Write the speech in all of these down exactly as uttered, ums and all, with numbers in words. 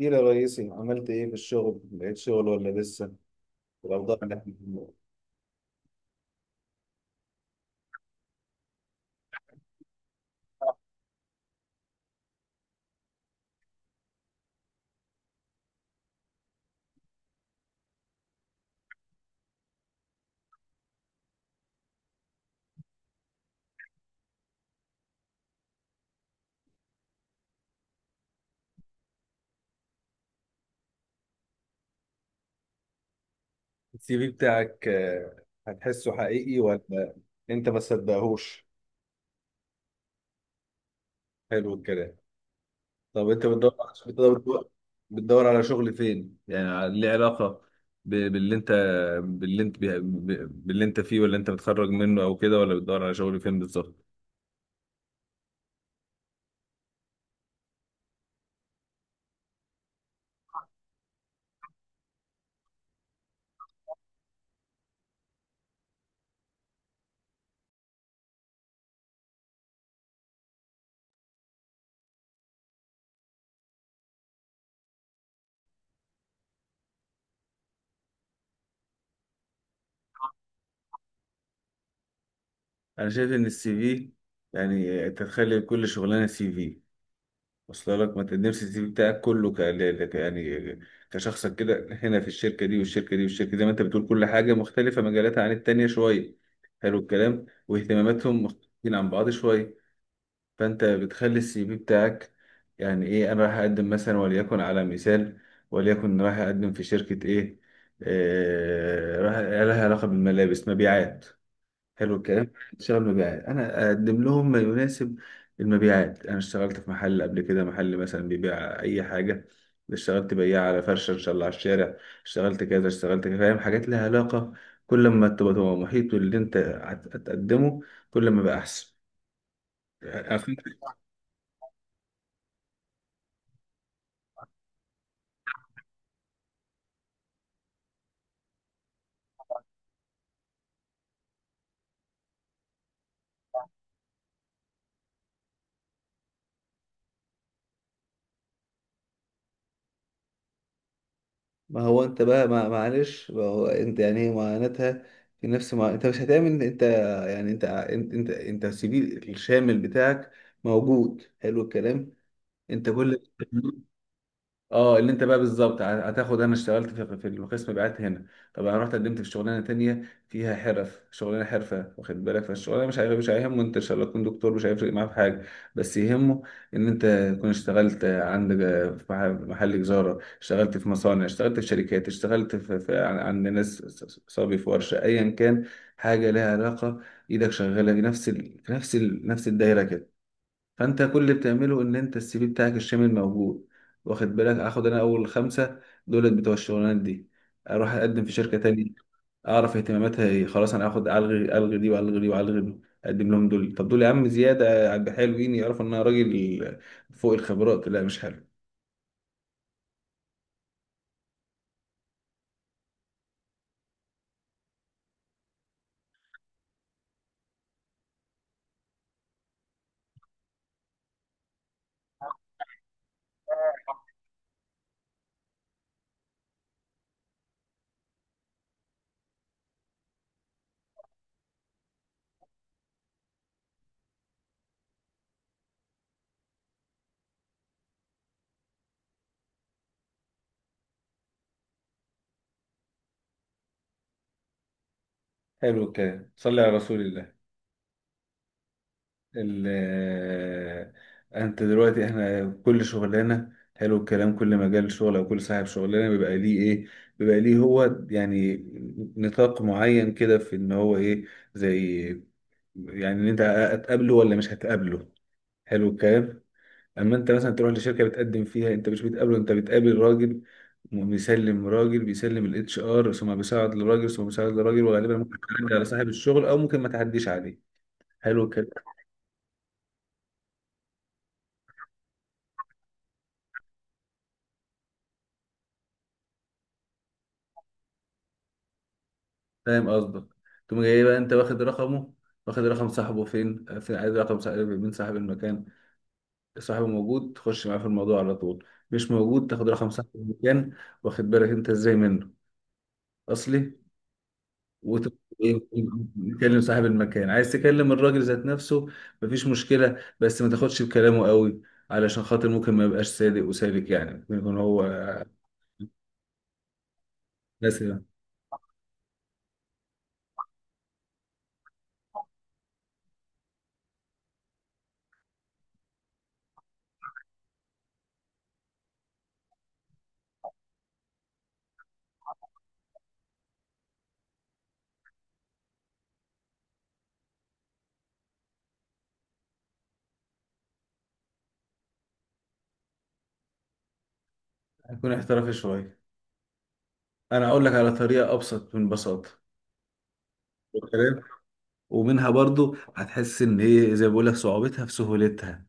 ايه يا ريسي، عملت ايه في الشغل؟ لقيت شغل ولا لسه الاوضاع اللي احنا فيها. السي في بتاعك آه، هتحسه حقيقي ولا انت ما تصدقهوش؟ حلو الكلام. طب انت بتدور، بتدور بتدور على شغل فين؟ يعني على- ليه علاقة ب- باللي انت، باللي انت بي- ب- باللي انت فيه، ولا انت متخرج منه او كده، ولا بتدور على شغل فين بالظبط؟ انا شايف ان السي في، يعني تتخيل كل شغلانة سي في وصل لك، ما انت نفسي السي في بتاعك كله ك... ل- ك- يعني كشخصك كده هنا في الشركه دي والشركه دي والشركه دي، زي ما انت بتقول كل حاجه مختلفه مجالاتها عن التانيه شويه. حلو الكلام. واهتماماتهم مختلفين عن بعض شويه، فانت بتخلي السي في بتاعك يعني ايه؟ انا رايح اقدم مثلا، وليكن على مثال، وليكن رايح اقدم في شركه ايه؟ آه... رايح لها علاقه بالملابس، مبيعات، حلو الكلام. اشتغل مبيعات، انا اقدم لهم ما يناسب المبيعات. انا اشتغلت في محل قبل كده، محل مثلا بيبيع اي حاجه، اشتغلت بياع على فرشه ان شاء الله على الشارع، اشتغلت كذا، اشتغلت كذا، فاهم؟ حاجات لها علاقه. كل ما تبقى تبقى محيط باللي انت هت- هتقدمه، كل ما بقى احسن. أخدت؟ ما هو انت بقى، ما معلش، ما هو انت يعني ايه معاناتها؟ في نفس ما انت مش هتعمل انت، يعني انت انت انت, انت السي في الشامل بتاعك موجود. حلو الكلام. انت كل اه، اللي انت بقى بالظبط ه- هتاخد، انا اشتغلت في في القسم بعت هنا، طب انا رحت قدمت في شغلانه تانية فيها حرف، شغلانه حرفه، واخد بالك؟ فالشغلانه مش هيغ- مش هيهمه انت ان شاء الله تكون دكتور، مش هيفرق معاه في حاجه. بس يهمه ان انت تكون اشتغلت عندك في مح- محل تجاره، اشتغلت في مصانع، اشتغلت في شركات، اشتغلت في, في عن- عند ناس، ص- صبي في ورشه، ايا كان، حاجه لها علاقه، ايدك شغاله في نفس ال... في نفس ال... نفس الدايره كده. فانت كل اللي بتعمله ان انت السي في بتاعك الشامل موجود، واخد بالك؟ اخد انا اول خمسه دولت بتوع الشغلانات دي، اروح اقدم في شركه تانية، اعرف اهتماماتها ايه، خلاص انا اخد، الغي الغي دي والغي دي والغي دي، اقدم لهم دول. طب دول يا عم زياده على حلوين، يعرفوا ان انا راجل فوق الخبرات، لا مش حلو. حلو الكلام. صلي على رسول الله. ال- انت دلوقتي احنا كل شغلانه، حلو الكلام، كل مجال شغل او كل صاحب شغلانه بيبقى ليه ايه، بيبقى ليه هو يعني نطاق معين كده في ان هو ايه، زي يعني ان انت هتقابله ولا مش هتقابله. حلو الكلام. اما انت مثلا تروح لشركه بتقدم فيها، انت مش بتقابله، انت بتقابل راجل بيسلم راجل، بيسلم الاتش ار، ثم بيساعد لراجل، ثم بيساعد لراجل، وغالبا ممكن تعدي على صاحب الشغل او ممكن ما تعديش عليه. حلو الكلام. فاهم قصدك. تقوم جاي بقى انت واخد رقمه، واخد رقم صاحبه فين، آه، فين؟ عايز رقم صاحب، مين صاحب المكان. صاحبه موجود، تخش معاه في الموضوع على طول، مش موجود، تاخد رقم صاحب المكان، واخد بالك انت ازاي منه اصلي؟ وتبقى ايه، تكلم صاحب المكان، عايز تكلم الراجل ذات نفسه، مفيش مشكلة، بس ما تاخدش بكلامه قوي، علشان خاطر ممكن ما يبقاش صادق وسالك، يعني ممكن يكون هو مثلا. هيكون احترافي شوية. انا هقول لك على طريقة ابسط من بساطة، ومنها برضو هتحس ان ايه، زي ما بقول لك، صعوبتها في سهولتها.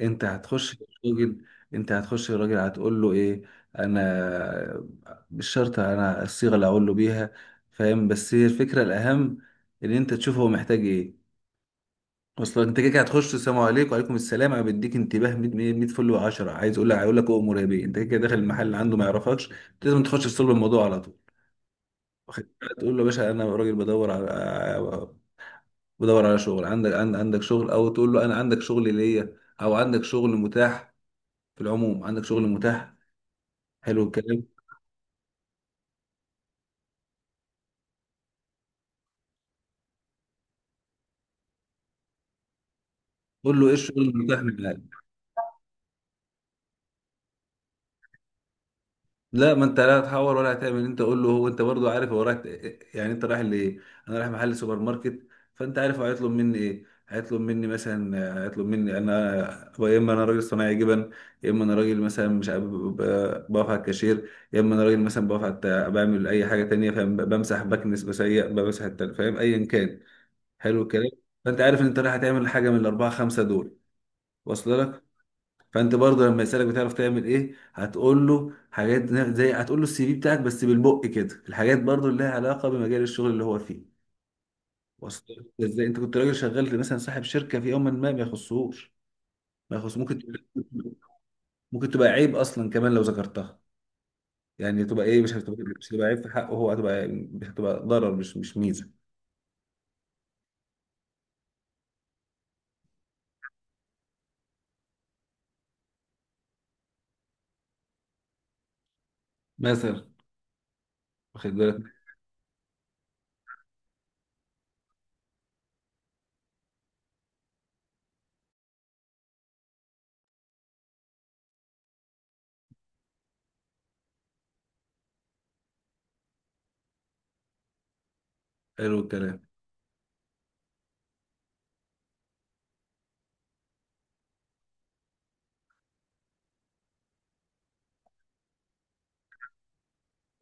انت هتخش للراجل، انت هتخش للراجل هتقول له ايه؟ انا مش شرط انا الصيغه اللي هقول له بيها، فاهم؟ بس هي الفكره الاهم، ان انت تشوف هو محتاج ايه. اصلا انت كده كده هتخش، السلام عليكم، وعليكم السلام، انا بديك انتباه ميه ميه فل و10، عايز اقول لك هيقول لك اؤمر يا بيه، انت كده كده داخل المحل اللي عنده، ما يعرفكش، لازم تخش في صلب الموضوع على طول، واخد بالك؟ تقول له يا باشا انا راجل بدور على، بدور على شغل، عندك عند- عندك شغل، او تقول له انا عندك شغل ليا، او عندك شغل متاح، في العموم عندك شغل متاح. حلو الكلام. قول له ايه الشغل المتاح معاك. لا، ما انت لا هتحور ولا هتعمل انت، قول له، هو انت برضو عارف هو رايح، يعني انت رايح لايه؟ انا رايح محل سوبر ماركت، فانت عارف هو هيطلب مني ايه، هيطلب مني مثلا، هيطلب مني انا هو، يا اما انا راجل صناعي جبن، يا اما انا راجل مثلا مش عارف ب- ب- بقف على الكاشير، يا اما انا راجل مثلا بقف على الت- بعمل اي حاجه تانية، فاهم؟ بمسح بكنس بسيق بمسح التل- فاهم، ايا كان. حلو الكلام. فانت عارف ان انت رايح تعمل حاجه من الاربعه خمسه دول، واصل لك؟ فانت برضه لما يسالك بتعرف تعمل ايه، هتقول له حاجات زي، هتقول له السي في بتاعك بس بالبق كده، الحاجات برضه اللي لها علاقه بمجال الشغل اللي هو فيه، واصل لك ازاي؟ انت كنت راجل شغال مثلا صاحب شركه في يوم، ما ما يخصهوش، ما يخص ممكن تبقى- ممكن تبقى عيب اصلا كمان لو ذكرتها، يعني تبقى ايه، مش هتبقى مش هتبقى عيب في حقه هو، هتبقى، هتبقى ضرر، مش مش ميزه، مثلا، واخد بالك؟ حلو الكلام.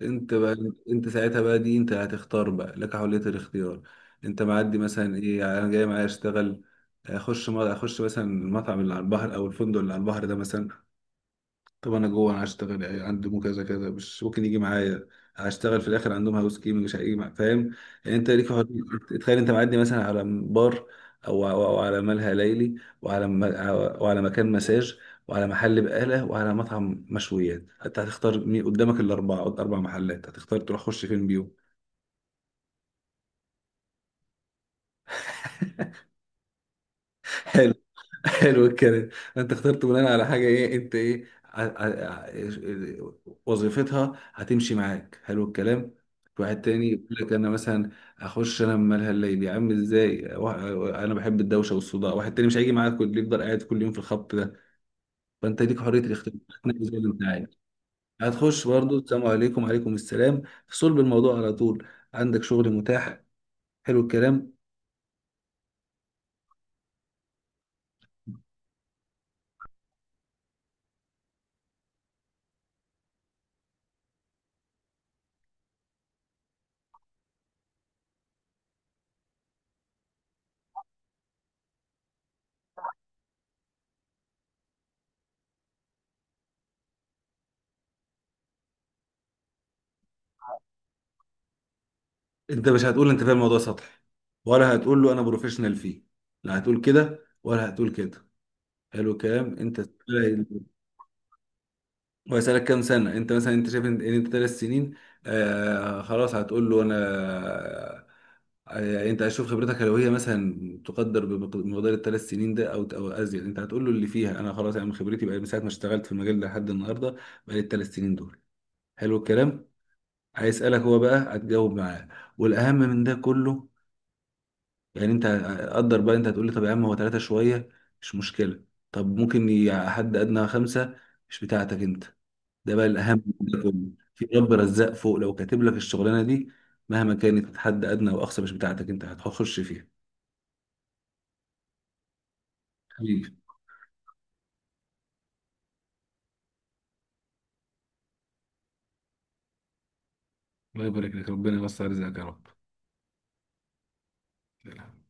انت بقى، انت ساعتها بقى دي، انت هتختار بقى، لك حرية الاختيار. انت معدي مثلا ايه يعني انا جاي معايا اشتغل، اخش ما اخش مثلا المطعم اللي على البحر، او الفندق اللي على البحر ده مثلا، طب انا جوه انا هشتغل يعني عندهم كذا كذا، مش ممكن يجي معايا، هشتغل في الاخر عندهم هاوس كيمنج، مش هيجي معايا، فاهم؟ يعني انت ليك حر- تخيل، انت معدي مثلا على بار، او او أو على ملهى ليلي، وعلى م- وعلى مكان مساج، وعلى محل بقاله، وعلى مطعم مشويات، انت هتختار مين قدامك الاربعه، قد- اربع محلات هتختار تروح خش فين بيهم؟ حلو الكلام. انت اخترت بناء على حاجه ايه؟ انت ايه ع- ع- ع- وظيفتها هتمشي معاك، حلو الكلام. في واحد تاني يقول لك انا مثلا اخش انا من مالها الليل يا عم، ازاي وا- انا بحب الدوشه والصداع، واحد تاني مش هيجي معاك، كل يفضل قاعد كل يوم في الخط ده، فانت ليك حريه الاختيار، تنقي زي ما انت عايز. هتخش برضه، السلام عليكم، وعليكم السلام، في صلب الموضوع على طول، عندك شغل متاح، حلو الكلام. انت مش هتقول انت فاهم الموضوع سطحي، ولا هتقول له انا بروفيشنال فيه، لا هتقول كده ولا هتقول كده. حلو الكلام. انت تسأله، هو يسألك كام سنة انت مثلا، انت شايف ان ان انت ثلاث سنين، آه خلاص، هتقول له انا، آه، يعني انت هتشوف خبرتك لو هي مثلا تقدر بمقدار الثلاث سنين ده، او او ازيد، انت هتقول له اللي فيها انا، خلاص انا من خبرتي بقى، من ساعة ما اشتغلت في المجال ده لحد النهارده، بقى لي الثلاث سنين دول. حلو الكلام. هيسألك هو بقى هتجاوب معاه، والاهم من ده كله، يعني انت، قدر بقى، انت هتقول لي طب يا عم هو ثلاثة شوية، مش مشكلة، طب ممكن ي- حد أدنى خمسة مش بتاعتك انت، ده بقى الأهم من ده كله، في رب رزاق فوق، لو كاتب لك الشغلانة دي مهما كانت حد أدنى وأقصى مش بتاعتك انت هتخش فيها. حبيبي، الله يبارك لك، ربنا يوسع رزقك يا رب.